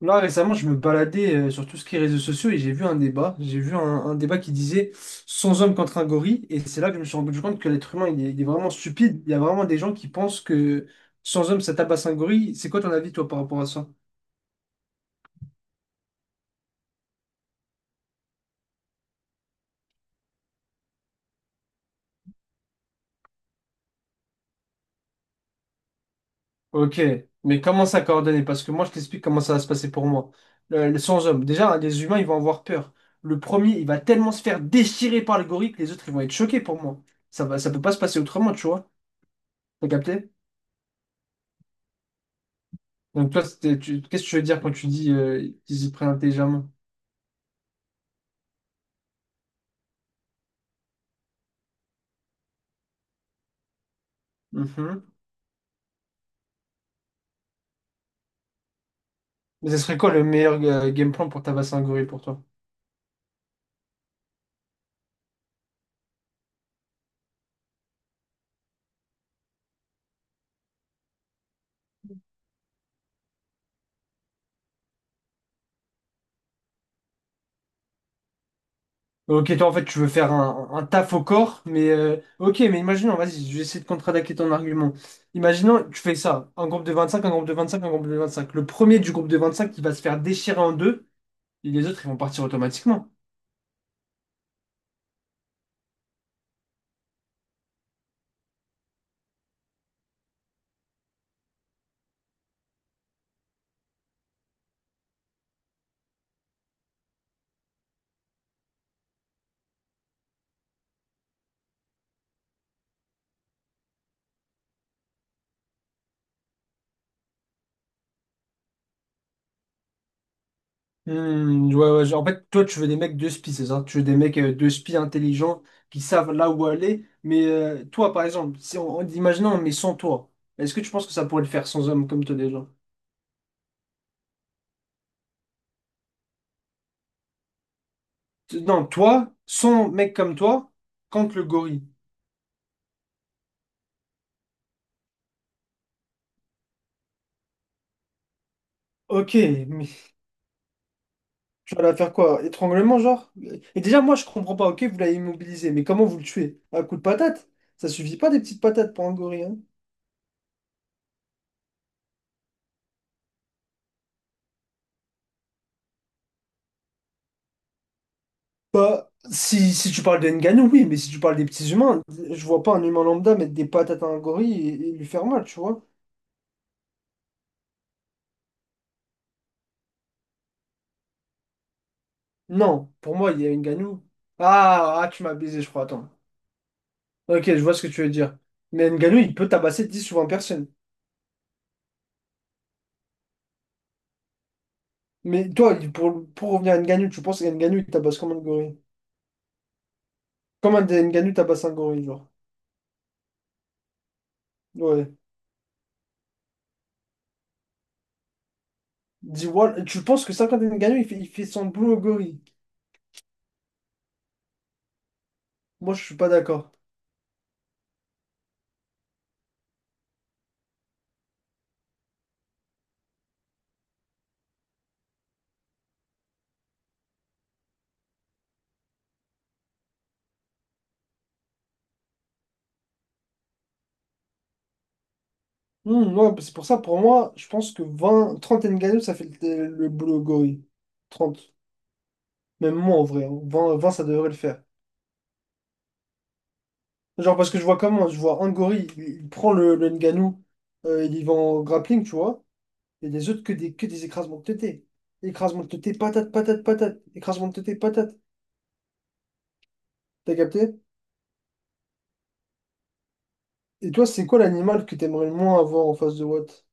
Là, récemment, je me baladais sur tout ce qui est réseaux sociaux et j'ai vu un débat. J'ai vu un débat qui disait 100 hommes contre un gorille. Et c'est là que je me suis rendu compte que l'être humain, il est vraiment stupide. Il y a vraiment des gens qui pensent que 100 hommes, ça tabasse un gorille. C'est quoi ton avis, toi, par rapport à ça? Ok, mais comment ça coordonner? Parce que moi, je t'explique comment ça va se passer pour moi. Le 100 hommes. Déjà, hein, les humains, ils vont avoir peur. Le premier, il va tellement se faire déchirer par le gorille que les autres, ils vont être choqués pour moi. Ça va, ça peut pas se passer autrement, tu vois. T'as capté? Donc toi, c'était, qu'est-ce que tu veux dire quand tu dis qu'ils s'y prennent intelligemment? Mhm. Mais ce serait quoi le meilleur game plan pour tabasser un gorille pour toi? Ok, toi en fait tu veux faire un taf au corps, mais ok, mais imaginons, vas-y, je vais essayer de contre-attaquer ton argument. Imaginons, tu fais ça, un groupe de 25, un groupe de 25, un groupe de 25. Le premier du groupe de 25 qui va se faire déchirer en deux, et les autres ils vont partir automatiquement. Hmm, ouais, ouais, en fait, toi, tu veux des mecs de spi, c'est ça? Tu veux des mecs de spi intelligents qui savent là où aller. Mais toi, par exemple, si imaginons, mais sans toi, est-ce que tu penses que ça pourrait le faire sans homme comme toi déjà? Non, toi, sans mec comme toi, contre le gorille. Ok, mais tu vas la faire quoi? Étranglement, genre? Et déjà, moi, je comprends pas. Ok, vous l'avez immobilisé, mais comment vous le tuez? Un coup de patate? Ça suffit pas des petites patates pour un gorille, hein. Bah, si tu parles de Ngannou, oui, mais si tu parles des petits humains, je vois pas un humain lambda mettre des patates à un gorille et lui faire mal, tu vois. Non, pour moi, il y a Ngannou. Ah, tu m'as baisé, je crois, attends. Ok, je vois ce que tu veux dire. Mais Ngannou, il peut tabasser 10 ou 20 personnes. Mais toi, pour revenir à Ngannou, tu penses que Ngannou, il tabasse comme un gorille? Comme un des Ngannou tabasse un gorille, genre. Ouais. Dis, voilà, tu penses que ça, quand Ngannou, il fait son boulot au gorille? Moi, je suis pas d'accord. Hmm, ouais, bah, c'est pour ça, pour moi, je pense que 20, 30 Ngannou, ça fait le boulot gorille. 30. Même moi, en vrai. Hein. 20 20, ça devrait le faire. Genre, parce que je vois comment, je vois un gorille, il prend le Ngannou, il y va en grappling, tu vois. Et les autres, que des écrasements de tétés. Écrasement de tétés, patate, patate, patate. Écrasement de tétés, patate. T'as capté? Et toi, c'est quoi l'animal que t'aimerais le moins avoir en face de Watt?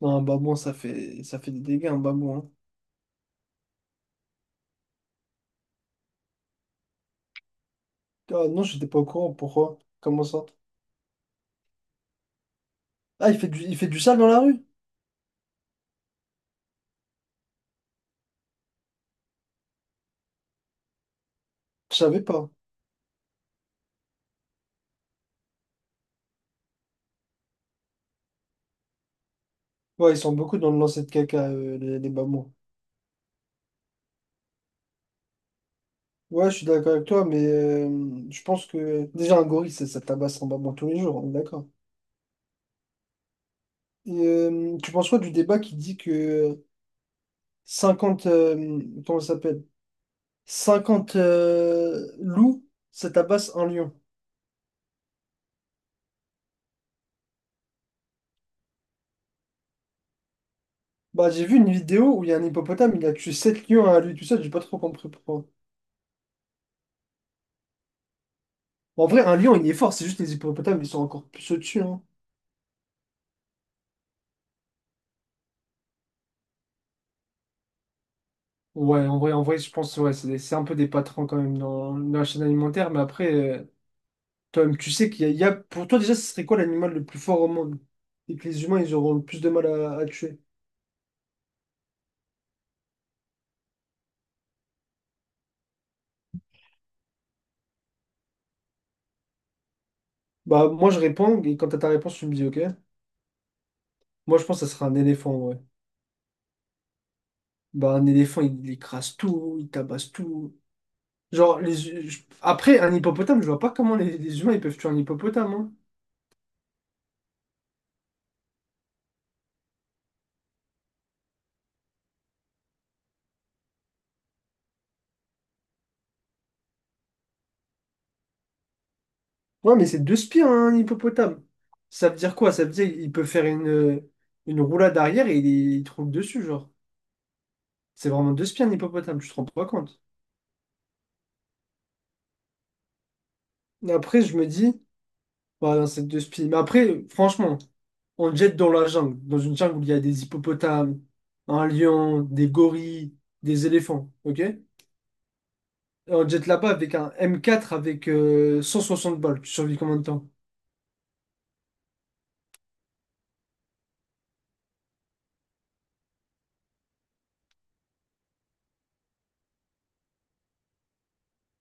Non, un babouin, ça fait des dégâts, un babouin. Hein. Ah non, j'étais pas au courant. Pourquoi? Comment ça? Ah, il fait du sale dans la rue? Je savais pas. Ouais, ils sont beaucoup dans le lancer de caca, les mamans. Ouais, je suis d'accord avec toi, mais je pense que déjà un gorille, ça tabasse en maman tous les jours, on est d'accord. Et, tu penses quoi du débat qui dit que 50 comment ça s'appelle? 50 loups, ça tabasse un lion. Bah, j'ai vu une vidéo où il y a un hippopotame, il a tué 7 lions à lui tout seul, j'ai pas trop compris pourquoi. En vrai, un lion, il est fort, c'est juste les hippopotames, ils sont encore plus au-dessus. Hein. Ouais, en vrai, je pense ouais, c'est un peu des patrons quand même dans, la chaîne alimentaire. Mais après, toi-même, tu sais qu'pour toi, déjà, ce serait quoi l'animal le plus fort au monde? Et que les humains, ils auront le plus de mal à tuer. Bah, moi, je réponds, et quand t'as ta réponse, tu me dis, ok. Moi, je pense que ça sera un éléphant, ouais. Bah, un éléphant, il écrase tout, il tabasse tout. Genre, après, un hippopotame, je vois pas comment les humains, ils peuvent tuer un hippopotame, hein. Ouais, mais c'est deux spires, un hippopotame. Ça veut dire quoi? Ça veut dire qu'il peut faire une roulade arrière et il te roule dessus, genre. C'est vraiment deux spies, un hippopotame, tu te rends pas compte. Mais après, je me dis, bah non, c'est deux spies. Mais après, franchement, on le jette dans la jungle, dans une jungle où il y a des hippopotames, un lion, des gorilles, des éléphants, ok? Et on le jette là-bas avec un M4 avec 160 balles. Tu survis combien de temps?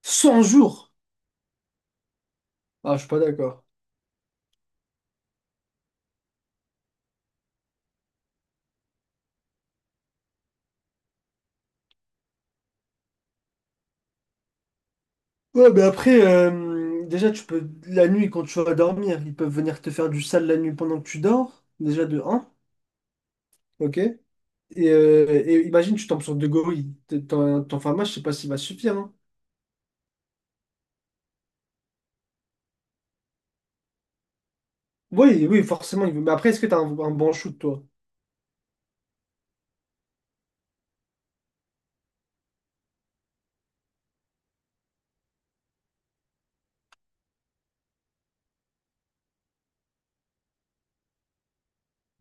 100 jours! Ah, je suis pas d'accord. Ouais, mais après, déjà, tu peux, la nuit, quand tu vas dormir, ils peuvent venir te faire du sale la nuit pendant que tu dors, déjà de un ok? Et imagine, tu tombes sur deux gorilles, ton pharma, je sais pas s'il va suffire, hein. Oui, oui, forcément, il veut. Mais après, est-ce que t'as un bon shoot, toi?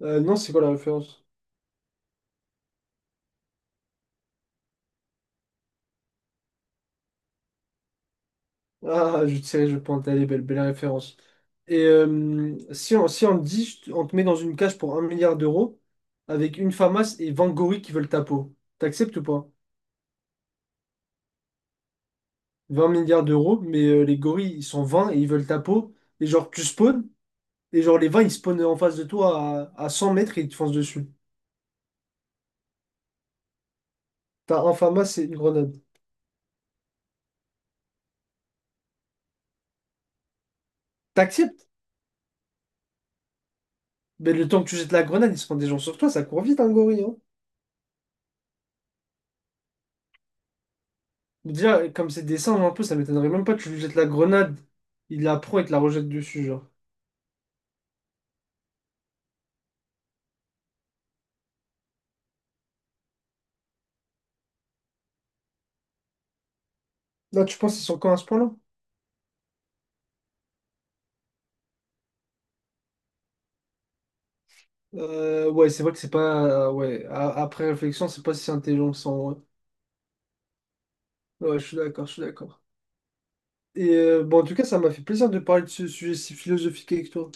Non, c'est quoi la référence? Ah, je sais, je pointe, elle est belle, belle référence. Et si on, te dit, on te met dans une cage pour un milliard d'euros, avec une famas et 20 gorilles qui veulent ta peau, t'acceptes ou pas? 20 milliards d'euros, mais les gorilles, ils sont 20 et ils veulent ta peau. Et genre, tu spawns, et genre, les 20, ils spawnent en face de toi à 100 mètres et ils te foncent dessus. T'as un Fama, c'est une grenade. T'acceptes, mais le temps que tu jettes la grenade, ils se prennent des gens sur toi, ça court vite, un gorille. Hein. Déjà, comme c'est des singes un peu, ça m'étonnerait même pas que tu lui jettes la grenade, il la prend et te la rejette dessus, genre. Là, tu penses qu'ils sont quand à ce point-là? Ouais, c'est vrai que c'est pas. Ouais, après réflexion, c'est pas si intelligent que ça, en vrai. Ouais, je suis d'accord, je suis d'accord. Et bon, en tout cas, ça m'a fait plaisir de parler de ce sujet si philosophique avec toi.